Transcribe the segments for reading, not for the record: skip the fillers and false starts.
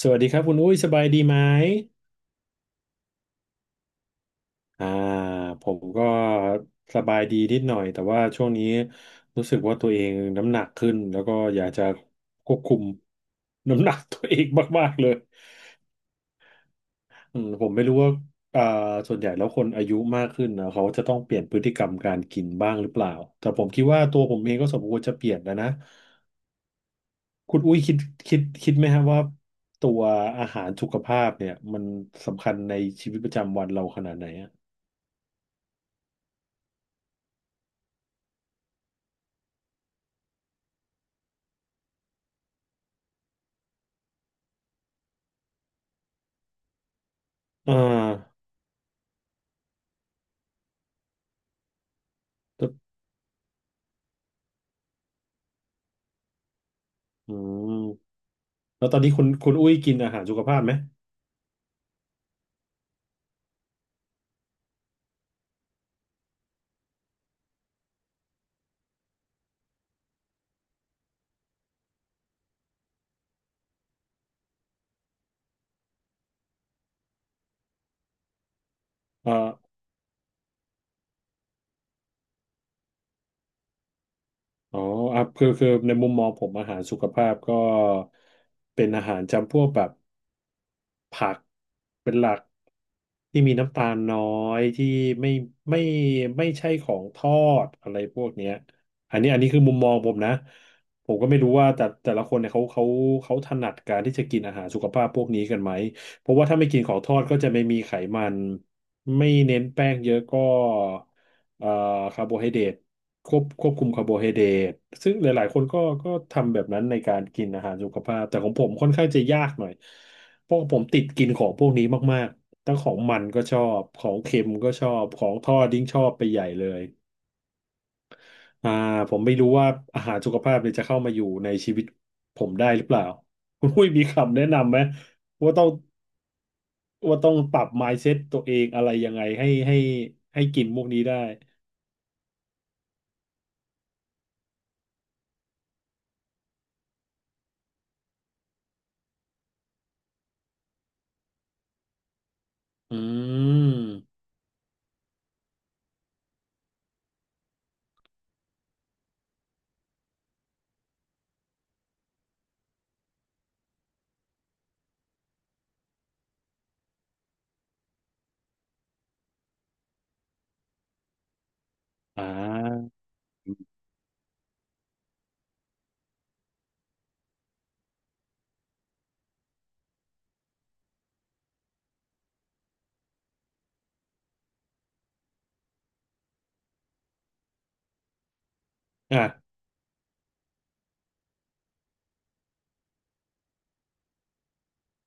สวัสดีครับคุณอุ้ยสบายดีไหมอ่าผมก็สบายดีนิดหน่อยแต่ว่าช่วงนี้รู้สึกว่าตัวเองน้ำหนักขึ้นแล้วก็อยากจะควบคุม น้ำหนักตัวเองมากๆเลยผมไม่รู้ว่าอ่าส่วนใหญ่แล้วคนอายุมากขึ้นนะเขาจะต้องเปลี่ยนพฤติกรรมการกินบ้างหรือเปล่าแต่ผมคิดว่าตัวผมเองก็สมควรจะเปลี่ยนแล้วนะคุณอุ้ยคิดไหมครับว่าตัวอาหารสุขภาพเนี่ยมันสำคัญในชีวิตประจำวันเราขนาดไหนอะอ่า แล้วอืมแล้วตอนนี้คุณอุ้ยกินอาหารสุขภาพไหมเอ่ออ๋ออ่ะคือในมุมมองผมอาหารสุขภาพก็เป็นอาหารจำพวกแบบ ผักเป็นหลักที่มีน้ำตาลน้อยที่ไม่ไม่ไม่ใช่ของทอดอะไรพวกเนี้ยอันนี้คือมุมมองผมนะผมก็ไม่รู้ว่าแต่ละคนเนี่ยเขาถนัดการที่จะกินอาหารสุขภาพพวกนี้กันไหมเพราะว่าถ้าไม่กินของทอดก็จะไม่มีไขมันไม่เน้นแป้งเยอะก็ เอ่อคาร์โบไฮเดรตควบคุมคาร์โบไฮเดรตซึ่งหลายๆคนก็ทำแบบนั้นในการกินอาหารสุขภาพแต่ของผมค่อนข้างจะยากหน่อยเพราะผมติดกินของพวกนี้มากๆทั้งของมันก็ชอบของเค็มก็ชอบของทอดยิ่งชอบไปใหญ่เลยอ่าผมไม่รู้ว่าอาหารสุขภาพเนี่ยจะเข้ามาอยู่ในชีวิตผมได้หรือเปล่าคุณอุ้ยมีคำแนะนำไหมว่าต้องว่าต้องปรับ mindset ตัวเองอะไรยังไงให้กินพวกนี้ได้อืม อ่าอ่ะ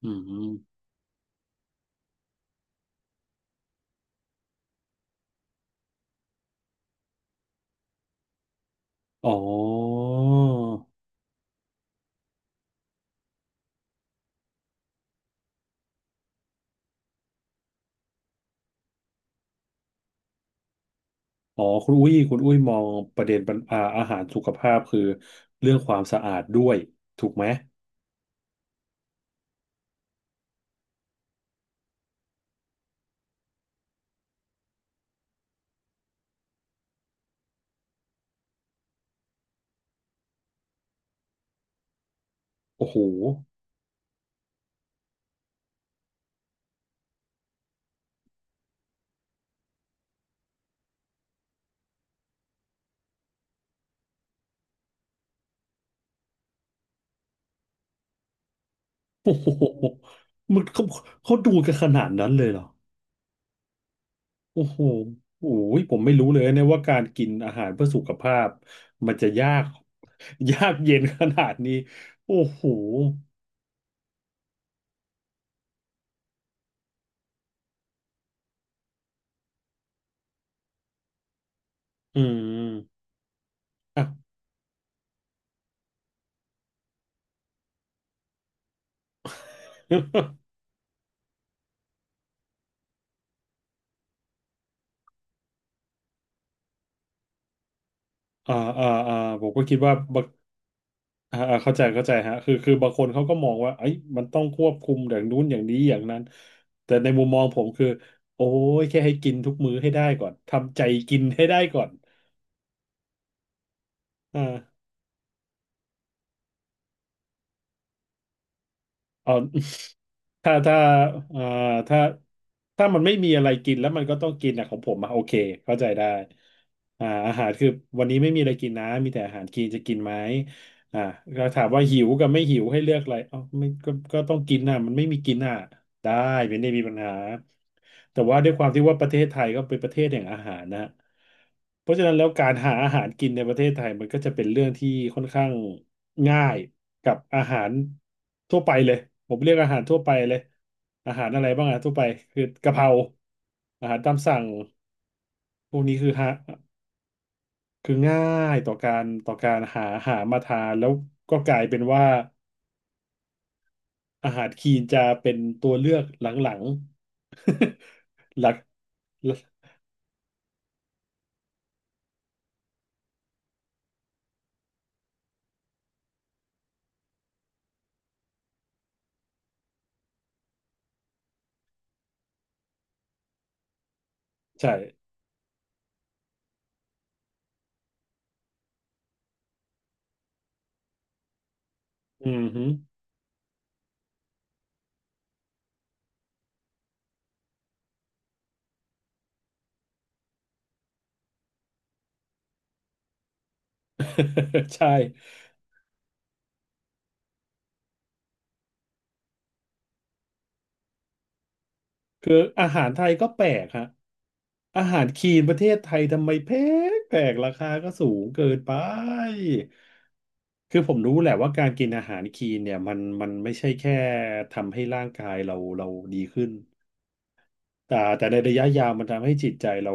อืมอ๋ออ๋อคุณอุ้ยมองประเด็นปัญอาอาหารสุขภาพคือเรื่องความสะอาดด้วยถูกไหม โอ้โหโอ้โห มันเขาดูกันขนาดนั้นเลยเหรอโอ้โหโอ้ยผมไม่รู้เลยนะว่าการกินอาหารเพื่อสุขภาพมันจะยาก ยากเย็นขนาดนี้ โอ้โห อืมอ่ะ อ่าอ่าอ่าผมก็คิดว่า เข้าใจเข้าใจฮะคือบางคนเขาก็มองว่าเอ้ยมันต้องควบคุมอย่างนู้นอย่างนี้ อย่างนั้น แต่ในมุมมองผมคือ โอ้ยแค่ให้กินทุกมื้อให้ได้ก่อน ทำใจกินให้ได้ก่อนอ่าเอา ถ้าถ้าอ่าถ้าถ้ามันไม่มีอะไรกินแล้วมันก็ต้องกินอะของผมอะโอเคเข้าใจได้อาหารคือวันนี้ไม่มีอะไรกินนะ มีแต่อาหารกินจะกินไหม อ่าก็ถามว่าหิวกับไม่หิวให้เลือกอะไรเอ้าไม่ก็ต้องกินน่ะมันไม่มีกินน่ะได้ไม่ได้มีปัญหาแต่ว่าด้วยความที่ว่าประเทศไทยก็เป็นประเทศแห่งอาหารนะฮะเพราะฉะนั้นแล้วการหาอาหารกินในประเทศไทยมันก็จะเป็นเรื่องที่ค่อนข้างง่ายกับอาหารทั่วไปเลยผมเรียกอาหารทั่วไปเลยอาหารอะไรบ้างอะทั่วไปคือกะเพราอาหารตามสั่งพวกนี้คือฮะ คือง่ายต่อการหามาทานแล้วก็กลายเป็นว่าอาหารคีนจะเป็นตัวเลือกหลังๆ หลักใช่อืมฮึ ใช่คืออาหารไทยก็แปลกฮะอาหารคีนประเทศไทยทำไมแพงแปลกราคาก็สูงเกินไปคือผมรู้แหละว่าการกินอาหารคีนเนี่ยมันไม่ใช่แค่ทำให้ร่างกายเราดีขึ้นแต่ในระยะยาวมันทำให้จิตใจเรา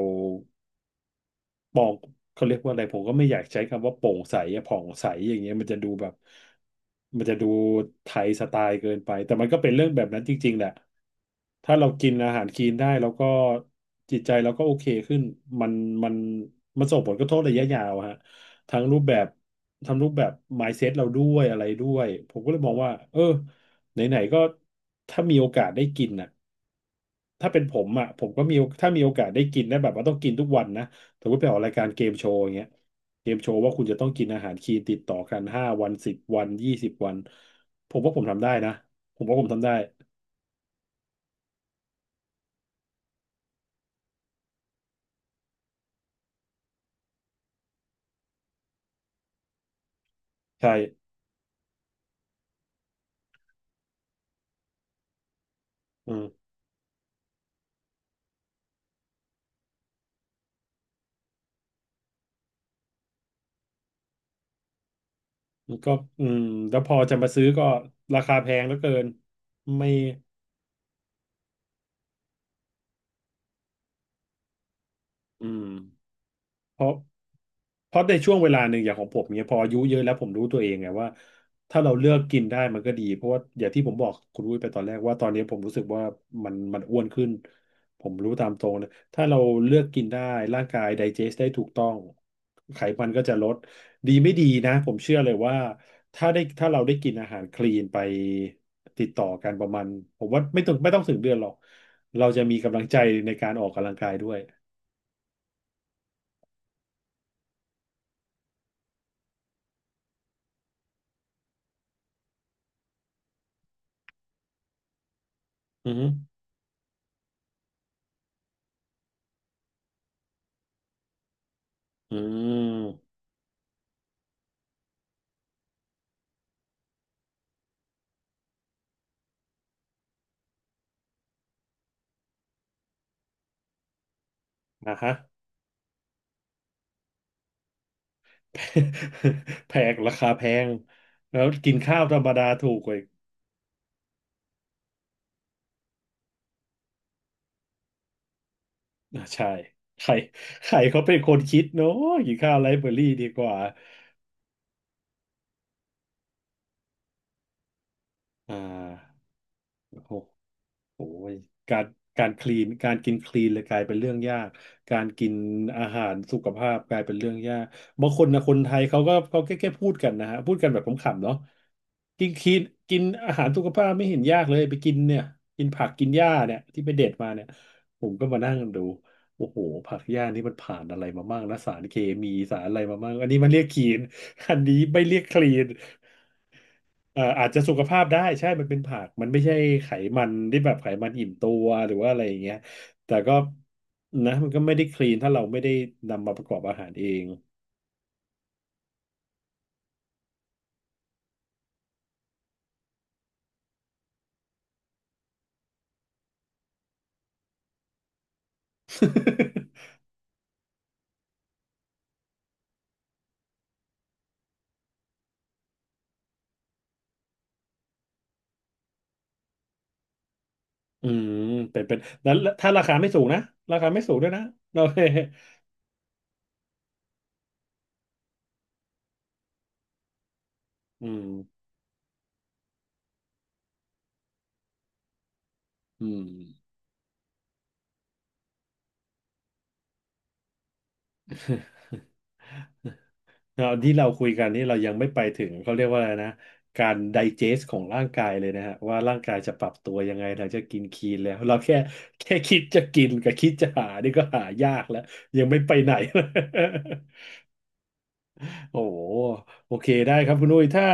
เขาเรียกว่าอะไรผมก็ไม่อยากใช้คำว่าโปร่งใสอะผ่องใสอย่างเงี้ยมันจะดูแบบมันจะดูไทยสไตล์เกินไปแต่มันก็เป็นเรื่องแบบนั้นจริงๆแหละถ้าเรากินอาหารคลีนได้แล้วก็จิตใจเราก็โอเคขึ้นมันมันมันส่งผลกระทบระยะยาวฮะทั้งรูปแบบทั้งรูปแบบ mindset เราด้วยอะไรด้วยผมก็เลยมองว่าเออไหนๆก็ถ้ามีโอกาสได้กินน่ะถ้าเป็นผมอ่ะผมก็มีโอถ้ามีโอกาสได้กินได้แบบว่าต้องกินทุกวันนะ สมมติไปออกรายการเกมโชว์อย่างเงี้ยเกมโชว์ว่าคุณจะต้องกินอาหารคลีนติดต่อกัน5 วันสิบวัน20 วันผมว่าผมทำได้นะผมว่าผมทำได้ใช่อืมก็อืมแล้วพอจะมาซื้อก็ราคาแพงเหลือเกินไม่อืม เพราะเพราะในช่วงเวลาหนึ่งอย่างของผมเนี่ยพออายุเยอะแล้วผมรู้ตัวเองไงว่าถ้าเราเลือกกินได้มันก็ดีเพราะว่าอย่างที่ผมบอกคุณวุ้ยไปตอนแรกว่าตอนนี้ผมรู้สึกว่ามันอ้วนขึ้นผมรู้ตามตรงนะถ้าเราเลือกกินได้ร่างกายไดเจสได้ถูกต้องไขมันก็จะลดดีไม่ดีนะผมเชื่อเลยว่าถ้าเราได้กินอาหารคลีนไปติดต่อกันประมาณผมว่าไม่ต้องถึงเดือนหรอกเราจะมีกำลังใจในการออกกำลังกายด้วยอือฮึอืม นะฮะ แพงราคาแพงแล้วกินข้าวธรรมดาถูกกว่าอีกอ่ะใช่ใครใครเขาเป็นคนคิดเนาะกินข้าวไลฟ์เบอรี่ดีกว่าอ่าโอ้โห โอ้ยการการคลีนการกินคลีนเลยกลายเป็นเรื่องยากการกินอาหารสุขภาพกลายเป็นเรื่องยากบางคนนะคนไทยเขาก็เขาแค่พูดกันนะฮะพูดกันแบบขำๆเนาะกินคลีนกินอาหารสุขภาพไม่เห็นยากเลยไปกินเนี่ยกินผักกินหญ้าเนี่ยที่ไปเด็ดมาเนี่ยผมก็มานั่งดูโอ้โหผักหญ้านี่มันผ่านอะไรมาบ้างนะสารเคมีสารอะไรมาบ้างอันนี้มันเรียกคลีนอันนี้ไม่เรียกคลีน อาจจะสุขภาพได้ใช่มันเป็นผักมันไม่ใช่ไขมันที่แบบไขมันอิ่มตัวหรือว่าอะไรอย่างเงี้ยแต่ก็นะมันก็ไม่ได้คลีนถ้าเราไม่ได้นำมาประกอบอาหารเอง อืมเป็นแล้วถ้าราคาไม่สูงนะราคาไม่สูงด้วยนะโอเคอืมอืม เราที่เราคุยกันนี่เรายังไม่ไปถึงเขาเรียกว่าอะไรนะการไดเจสของร่างกายเลยนะฮะว่าร่างกายจะปรับตัวยังไงถึงจะกินคีนแล้วเราแค่คิดจะกินกับคิดจะหานี่ก็หายากแล้วยังไม่ไปไหน โอ้โหโอเคได้ครับคุณนุ้ยถ้า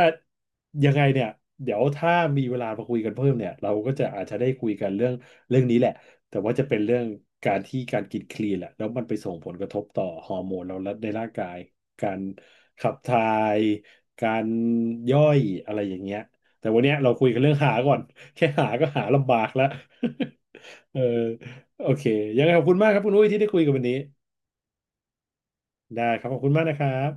ยังไงเนี่ยเดี๋ยวถ้ามีเวลามาคุยกันเพิ่มเนี่ยเราก็จะอาจจะได้คุยกันเรื่องนี้แหละแต่ว่าจะเป็นเรื่องการที่การกินคลีนแหละแล้วมันไปส่งผลกระทบต่อฮอร์โมนเราและในร่างกายการขับถ่ายการย่อยอะไรอย่างเงี้ยแต่วันเนี้ยเราคุยกันเรื่องหาก่อน แค่หาก็หาลำบากแล้ว เออโอเคยังไงขอบคุณมากครับคุณนุ้ยที่ได้คุยกันวันนี้ได้ครับขอบคุณมากนะครับ